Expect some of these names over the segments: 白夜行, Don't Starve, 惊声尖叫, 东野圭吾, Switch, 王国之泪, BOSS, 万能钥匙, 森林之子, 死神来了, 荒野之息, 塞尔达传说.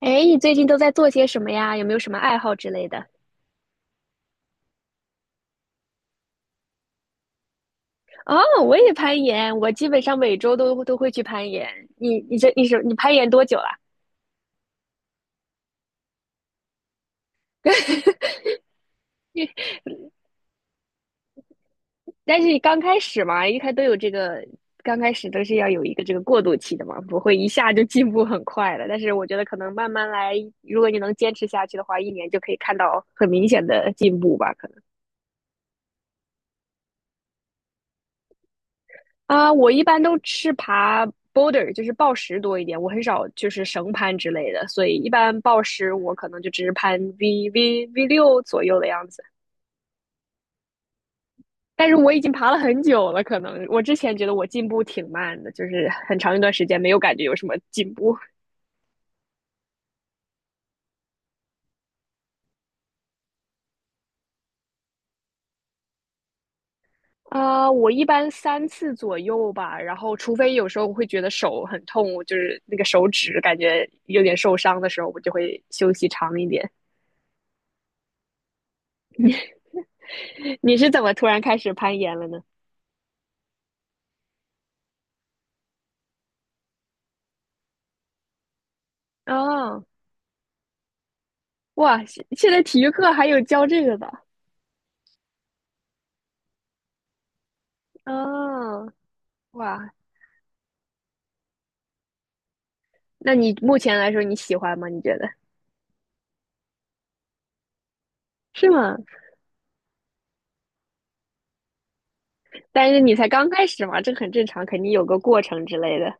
哎，你最近都在做些什么呀？有没有什么爱好之类的？哦，我也攀岩，我基本上每周都会去攀岩。你你这你是你攀岩多久了？但是你刚开始嘛，一开都有这个，刚开始都是要有一个这个过渡期的嘛，不会一下就进步很快的。但是我觉得可能慢慢来，如果你能坚持下去的话，一年就可以看到很明显的进步吧。啊，我一般都是爬 boulder，就是抱石多一点，我很少就是绳攀之类的，所以一般抱石我可能就只是攀 V 六左右的样子。但是我已经爬了很久了，可能我之前觉得我进步挺慢的，就是很长一段时间没有感觉有什么进步。啊我一般3次左右吧，然后除非有时候我会觉得手很痛，我就是那个手指感觉有点受伤的时候，我就会休息长一点。你是怎么突然开始攀岩了呢？啊。哇，现在体育课还有教这个的，哦，哇，那你目前来说你喜欢吗？你觉得？是吗？但是你才刚开始嘛，这很正常，肯定有个过程之类的。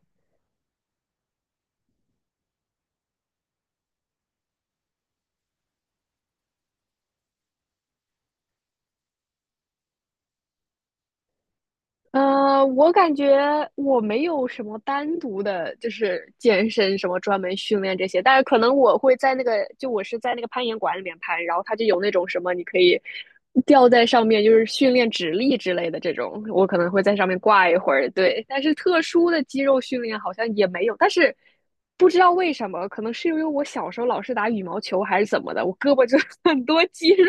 我感觉我没有什么单独的，就是健身什么专门训练这些，但是可能我会在那个，就我是在那个攀岩馆里面攀，然后它就有那种什么你可以吊在上面，就是训练指力之类的这种，我可能会在上面挂一会儿，对。但是特殊的肌肉训练好像也没有，但是不知道为什么，可能是因为我小时候老是打羽毛球还是怎么的，我胳膊就 很多肌肉，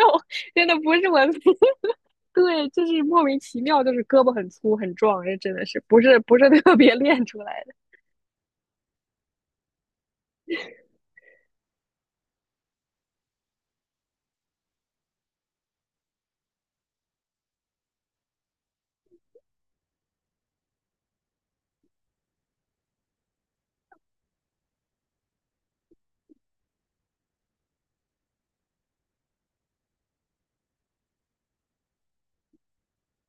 真的不是我。对，就是莫名其妙，就是胳膊很粗很壮，这真的是不是 特别练出来的。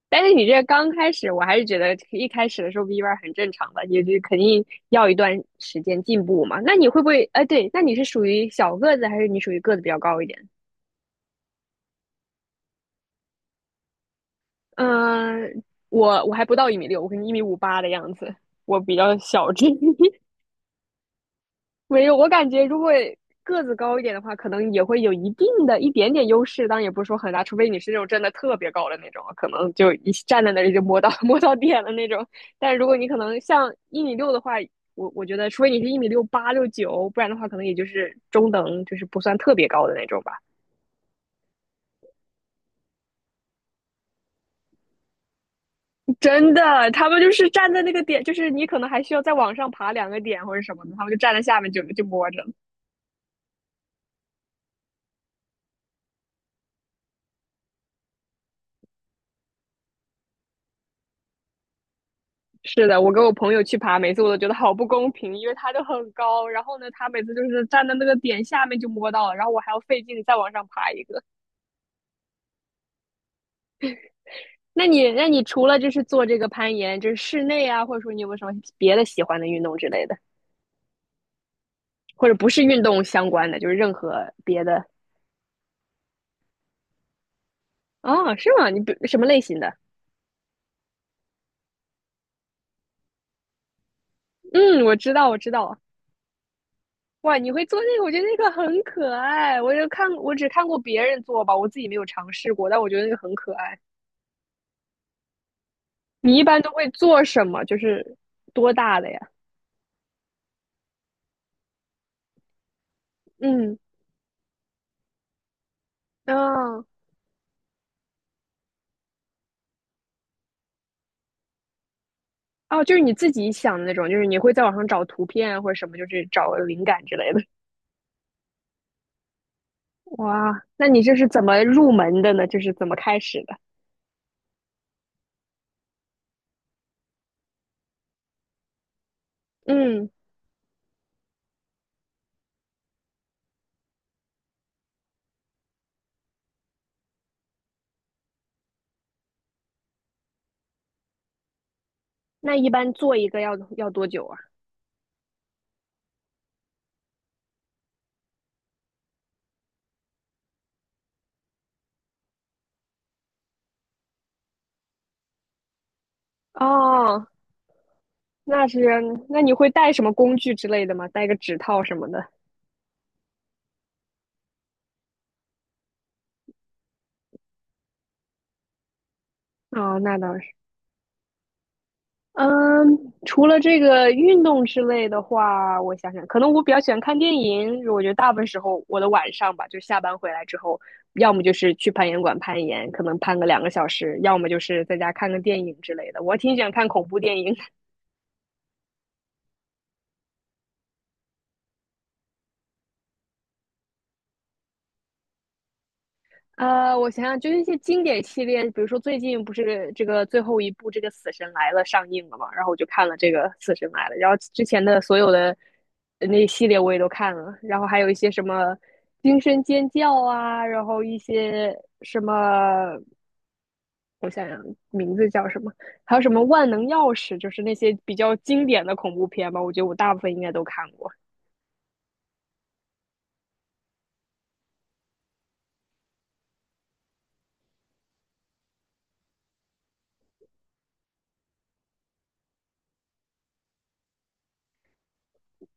但是你这刚开始，我还是觉得一开始的时候 V 弯很正常的，也就肯定要一段时间进步嘛。那你会不会？哎，对，那你是属于小个子，还是你属于个子比较高一点？嗯、呃我还不到一米六，我可能1米58的样子，我比较小只。没有，我感觉如果个子高一点的话，可能也会有一定的一点点优势，当然也不是说很大，除非你是那种真的特别高的那种，可能就一站在那里就摸到 摸到点了那种。但如果你可能像一米六的话，我觉得，除非你是一米六八六九，不然的话，可能也就是中等，就是不算特别高的那种吧。真的，他们就是站在那个点，就是你可能还需要再往上爬2个点或者什么的，他们就站在下面就摸着了。是的，我跟我朋友去爬，每次我都觉得好不公平，因为它就很高，然后呢，他每次就是站在那个点下面就摸到了，然后我还要费劲再往上爬一个。那你，那你除了就是做这个攀岩，就是室内啊，或者说你有没有什么别的喜欢的运动之类的，或者不是运动相关的，就是任何别的？哦，是吗？你不什么类型的？嗯，我知道，我知道。哇，你会做那个？我觉得那个很可爱。我就看，我只看过别人做吧，我自己没有尝试过，但我觉得那个很可爱。你一般都会做什么？就是多大的呀？嗯，哦哦，就是你自己想的那种，就是你会在网上找图片啊或者什么，就是找灵感之类的。哇，那你这是怎么入门的呢？就是怎么开始的？嗯，那一般做一个要多久啊？哦，那是，那你会带什么工具之类的吗？带个指套什么的？哦，那倒是。嗯，除了这个运动之类的话，我想想，可能我比较喜欢看电影。我觉得大部分时候，我的晚上吧，就下班回来之后，要么就是去攀岩馆攀岩，可能攀个2个小时，要么就是在家看个电影之类的。我挺喜欢看恐怖电影。我想想，就是一些经典系列，比如说最近不是这个最后一部这个《死神来了》上映了嘛，然后我就看了这个《死神来了》，然后之前的所有的那系列我也都看了，然后还有一些什么《惊声尖叫》啊，然后一些什么，我想想名字叫什么，还有什么《万能钥匙》，就是那些比较经典的恐怖片吧，我觉得我大部分应该都看过。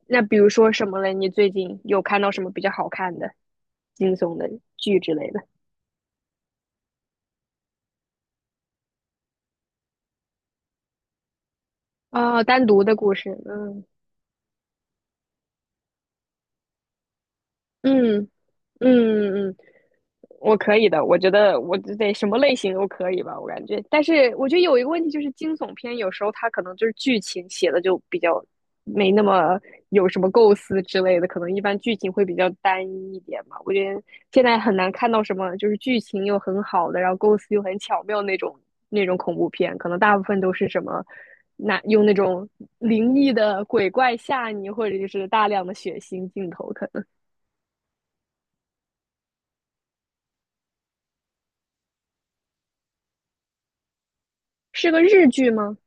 那比如说什么嘞？你最近有看到什么比较好看的、惊悚的剧之类的？哦，单独的故事，嗯嗯。嗯嗯，我可以的，我觉得我得什么类型都可以吧，我感觉。但是我觉得有一个问题就是惊悚片有时候它可能就是剧情写的就比较没那么有什么构思之类的，可能一般剧情会比较单一一点嘛。我觉得现在很难看到什么就是剧情又很好的，然后构思又很巧妙那种那种恐怖片，可能大部分都是什么。那用那种灵异的鬼怪吓你，或者就是大量的血腥镜头，可能是个日剧吗？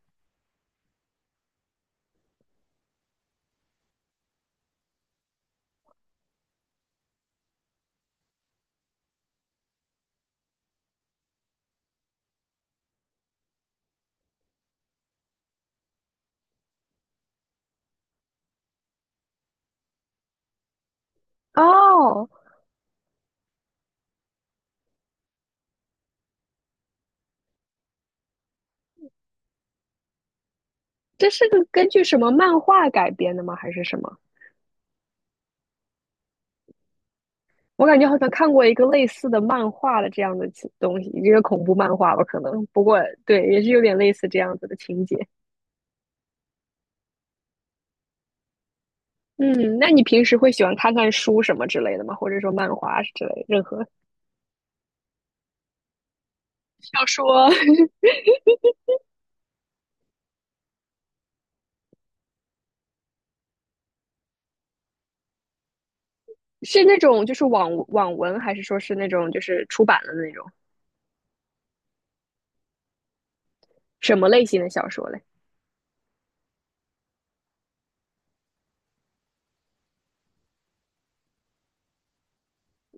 哦，这是个根据什么漫画改编的吗？还是什么？我感觉好像看过一个类似的漫画的这样的情东西，一个恐怖漫画吧，可能。不过对，也是有点类似这样子的情节。嗯，那你平时会喜欢看看书什么之类的吗？或者说漫画之类，任何小说 是那种就是网文，还是说是那种就是出版的那种什么类型的小说嘞？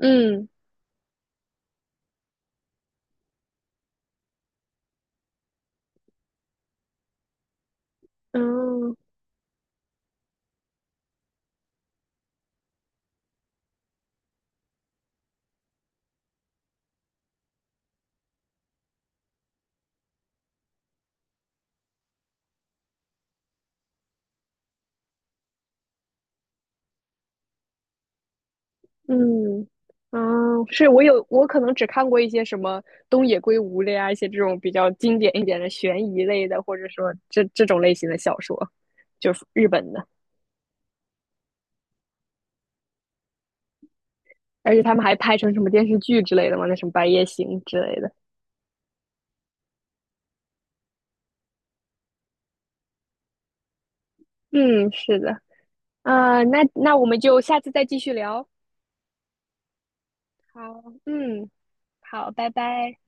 嗯嗯，嗯，嗯，是我可能只看过一些什么东野圭吾类啊，一些这种比较经典一点的悬疑类的，或者说这种类型的小说，就是日本的，而且他们还拍成什么电视剧之类的嘛，那什么《白夜行》之类的。嗯，是的，那我们就下次再继续聊。好，嗯，好，拜拜。